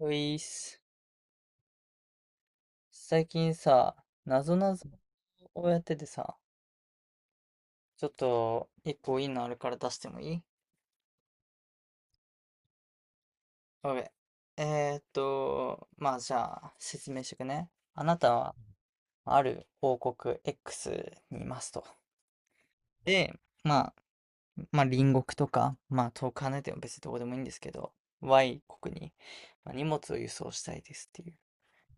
ういっす。最近さ、なぞなぞをやっててさ、ちょっと一個いいのあるから出してもいい？オッケー。まあじゃあ説明してくね。あなたはある王国 X にいますと。で、まあ、まあ隣国とか、まあ遠く離れても別にどこでもいいんですけど、Y 国に、まあ、荷物を輸送したいですっていう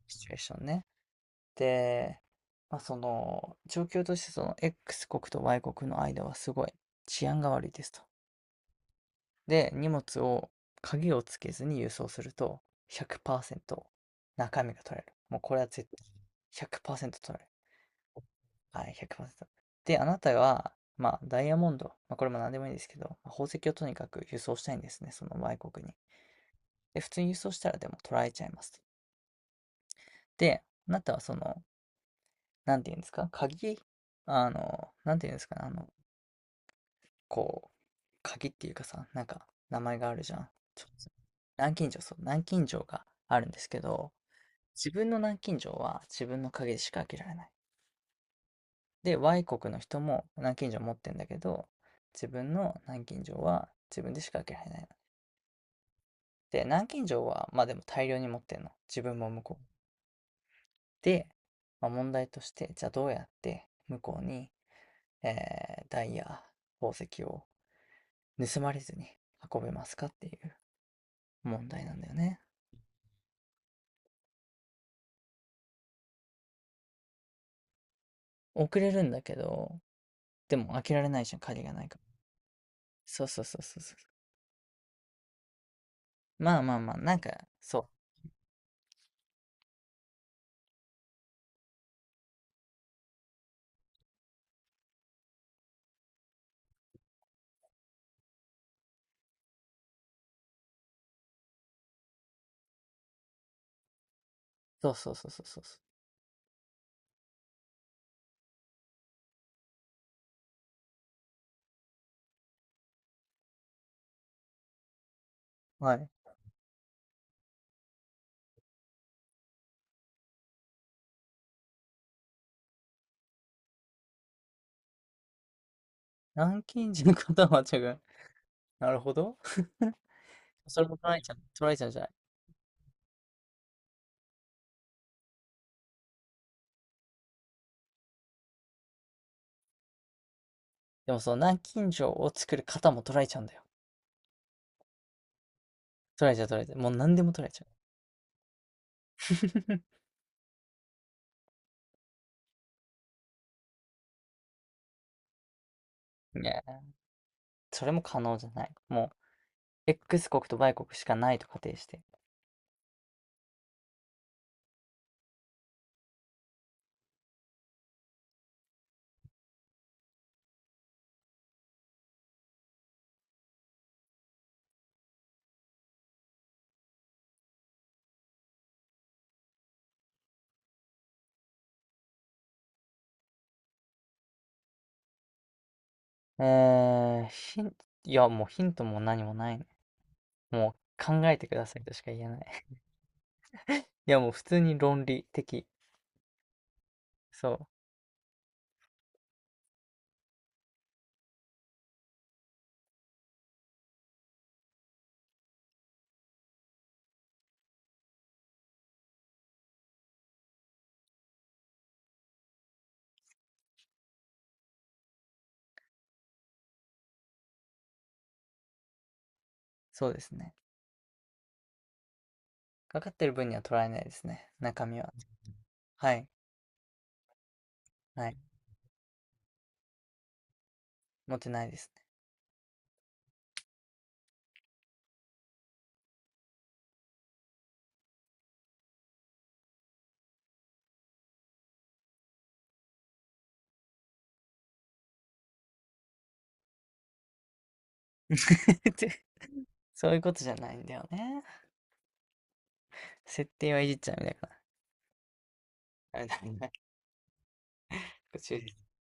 シチュエーションね。で、まあ、その状況としてその X 国と Y 国の間はすごい治安が悪いですと。で、荷物を鍵をつけずに輸送すると100%中身が取れる。もうこれは絶対100%取れる。はい、100%。で、あなたは、まあ、ダイヤモンド、まあ、これも何でもいいんですけど、宝石をとにかく輸送したいんですね、その Y 国に。で、普通に輸送したらでも取られちゃいますと。で、あなたはその、なんていうんですか、鍵、なんていうんですかね、こう、鍵っていうかさ、なんか名前があるじゃん。南京錠、そう、南京錠があるんですけど、自分の南京錠は自分の鍵でしか開けられない。で、Y 国の人も南京錠持ってんだけど、自分の南京錠は自分でしか開けられないの。で、南京錠は、まあでも大量に持ってんの。自分も向こう。で、まあ、問題として、じゃあどうやって向こうに、ダイヤ、宝石を盗まれずに運べますかっていう問題なんだよね。遅れるんだけど、でも開けられないじゃん、鍵がないから。そうそうそうそうそう。まあまあまあ、なんか、そう。そうそうそうそうそうそう。はい。南京人ことはちゃが、なるほど。それも捉えちゃう、捉えちゃうじゃない。でもその南京錠を作る方も捉えちゃうんだよ。捉えちゃう捉えちゃう。もう何でも捉えちゃう。いや、それも可能じゃない。もう X 国と Y 国しかないと仮定して。うーん、いや、もうヒントも何もないね。もう考えてくださいとしか言えない。いや、もう普通に論理的。そう、そうですね。かかってる分には捉えないですね。中身は。はい、はい。持ってないですね。そういうことじゃないんだよね。設定はいじっちゃダメだから。ダメだダメだ途中です。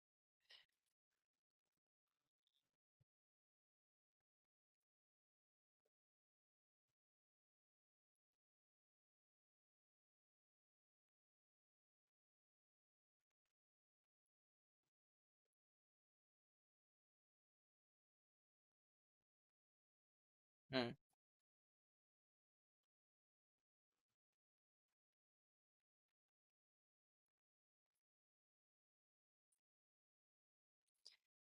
うん。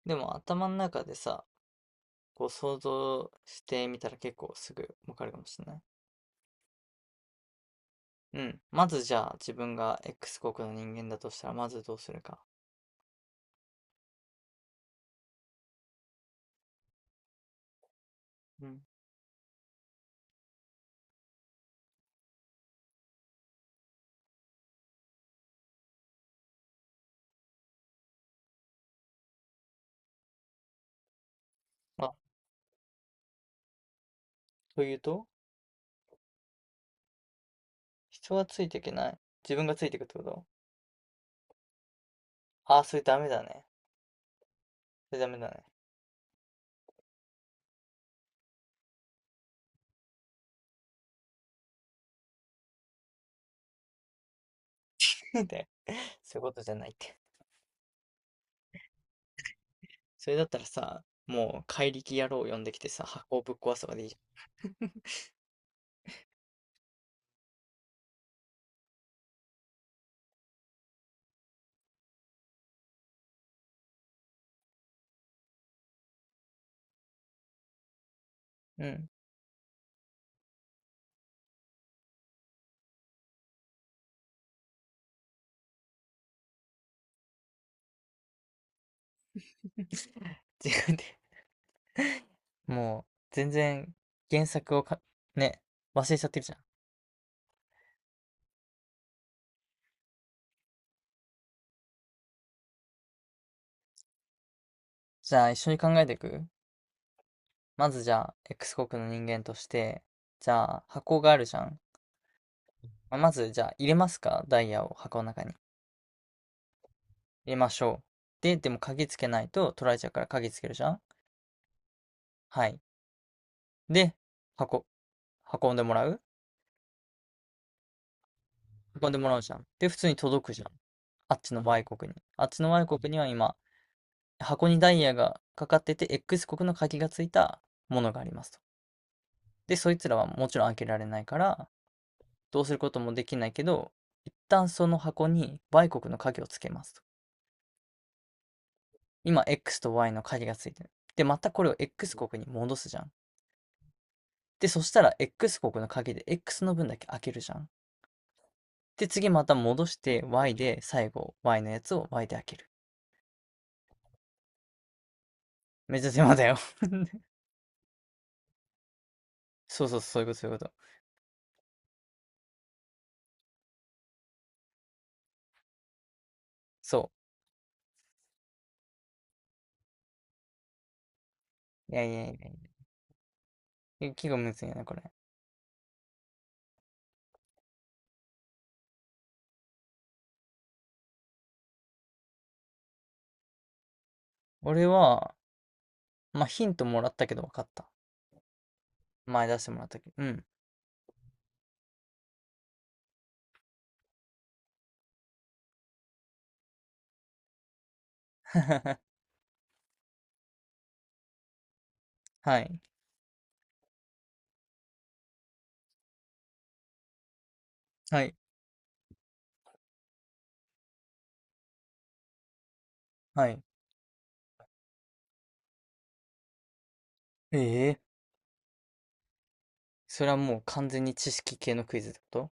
でも頭の中でさ、こう想像してみたら結構すぐわかるかもしれない。うん。まずじゃあ自分が X 国の人間だとしたらまずどうするか。うん。あ、というと人はついていけない。自分がついていくってこと？ああー、それダメだね。それダメだね。って、そういうことじゃないって。それだったらさ、もう怪力野郎を呼んできてさ、箱をぶっ壊すとかでいいじゃん。うん。違うて、もう、全然、原作をか、ね、忘れちゃってるじゃん。じゃあ、一緒に考えていく。まず、じゃあ、X 国の人間として、じゃあ、箱があるじゃん。まあまず、じゃあ、入れますか、ダイヤを箱の中に。入れましょう。で、でも鍵つけないと取られちゃうから鍵つけるじゃん。はい。で、箱、運んでもらう運んでもらうじゃん。で、普通に届くじゃん。あっちの Y 国に。あっちの Y 国には今、箱にダイヤがかかってて、X 国の鍵がついたものがありますと。で、そいつらはもちろん開けられないから、どうすることもできないけど、一旦その箱に Y 国の鍵をつけますと。今 X と Y の鍵がついてる。で、またこれを X 国に戻すじゃん。で、そしたら X 国の鍵で X の分だけ開けるじゃん。で、次また戻して Y で最後 Y のやつを Y で開ける。めっちゃ手間だよ。 そうそう、そういうこと、そういうこと。そう。いやいやいやいや。結構むずいよね、これ。俺は、まあヒントもらったけど分かった。前出してもらったけど。うん。はい。はい。はい。ええ、それはもう完全に知識系のクイズってこと？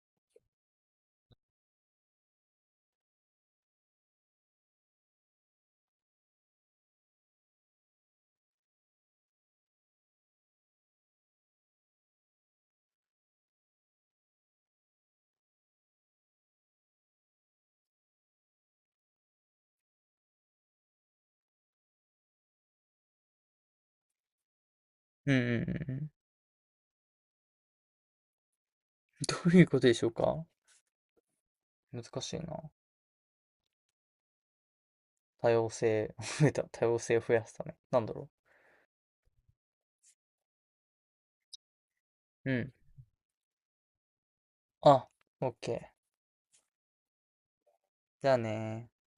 うんうんうんうん。どういうことでしょうか？難しいな。多様性、増えた。多様性を増やすため。なんだろう。うん。あ、オッケー。じゃあねー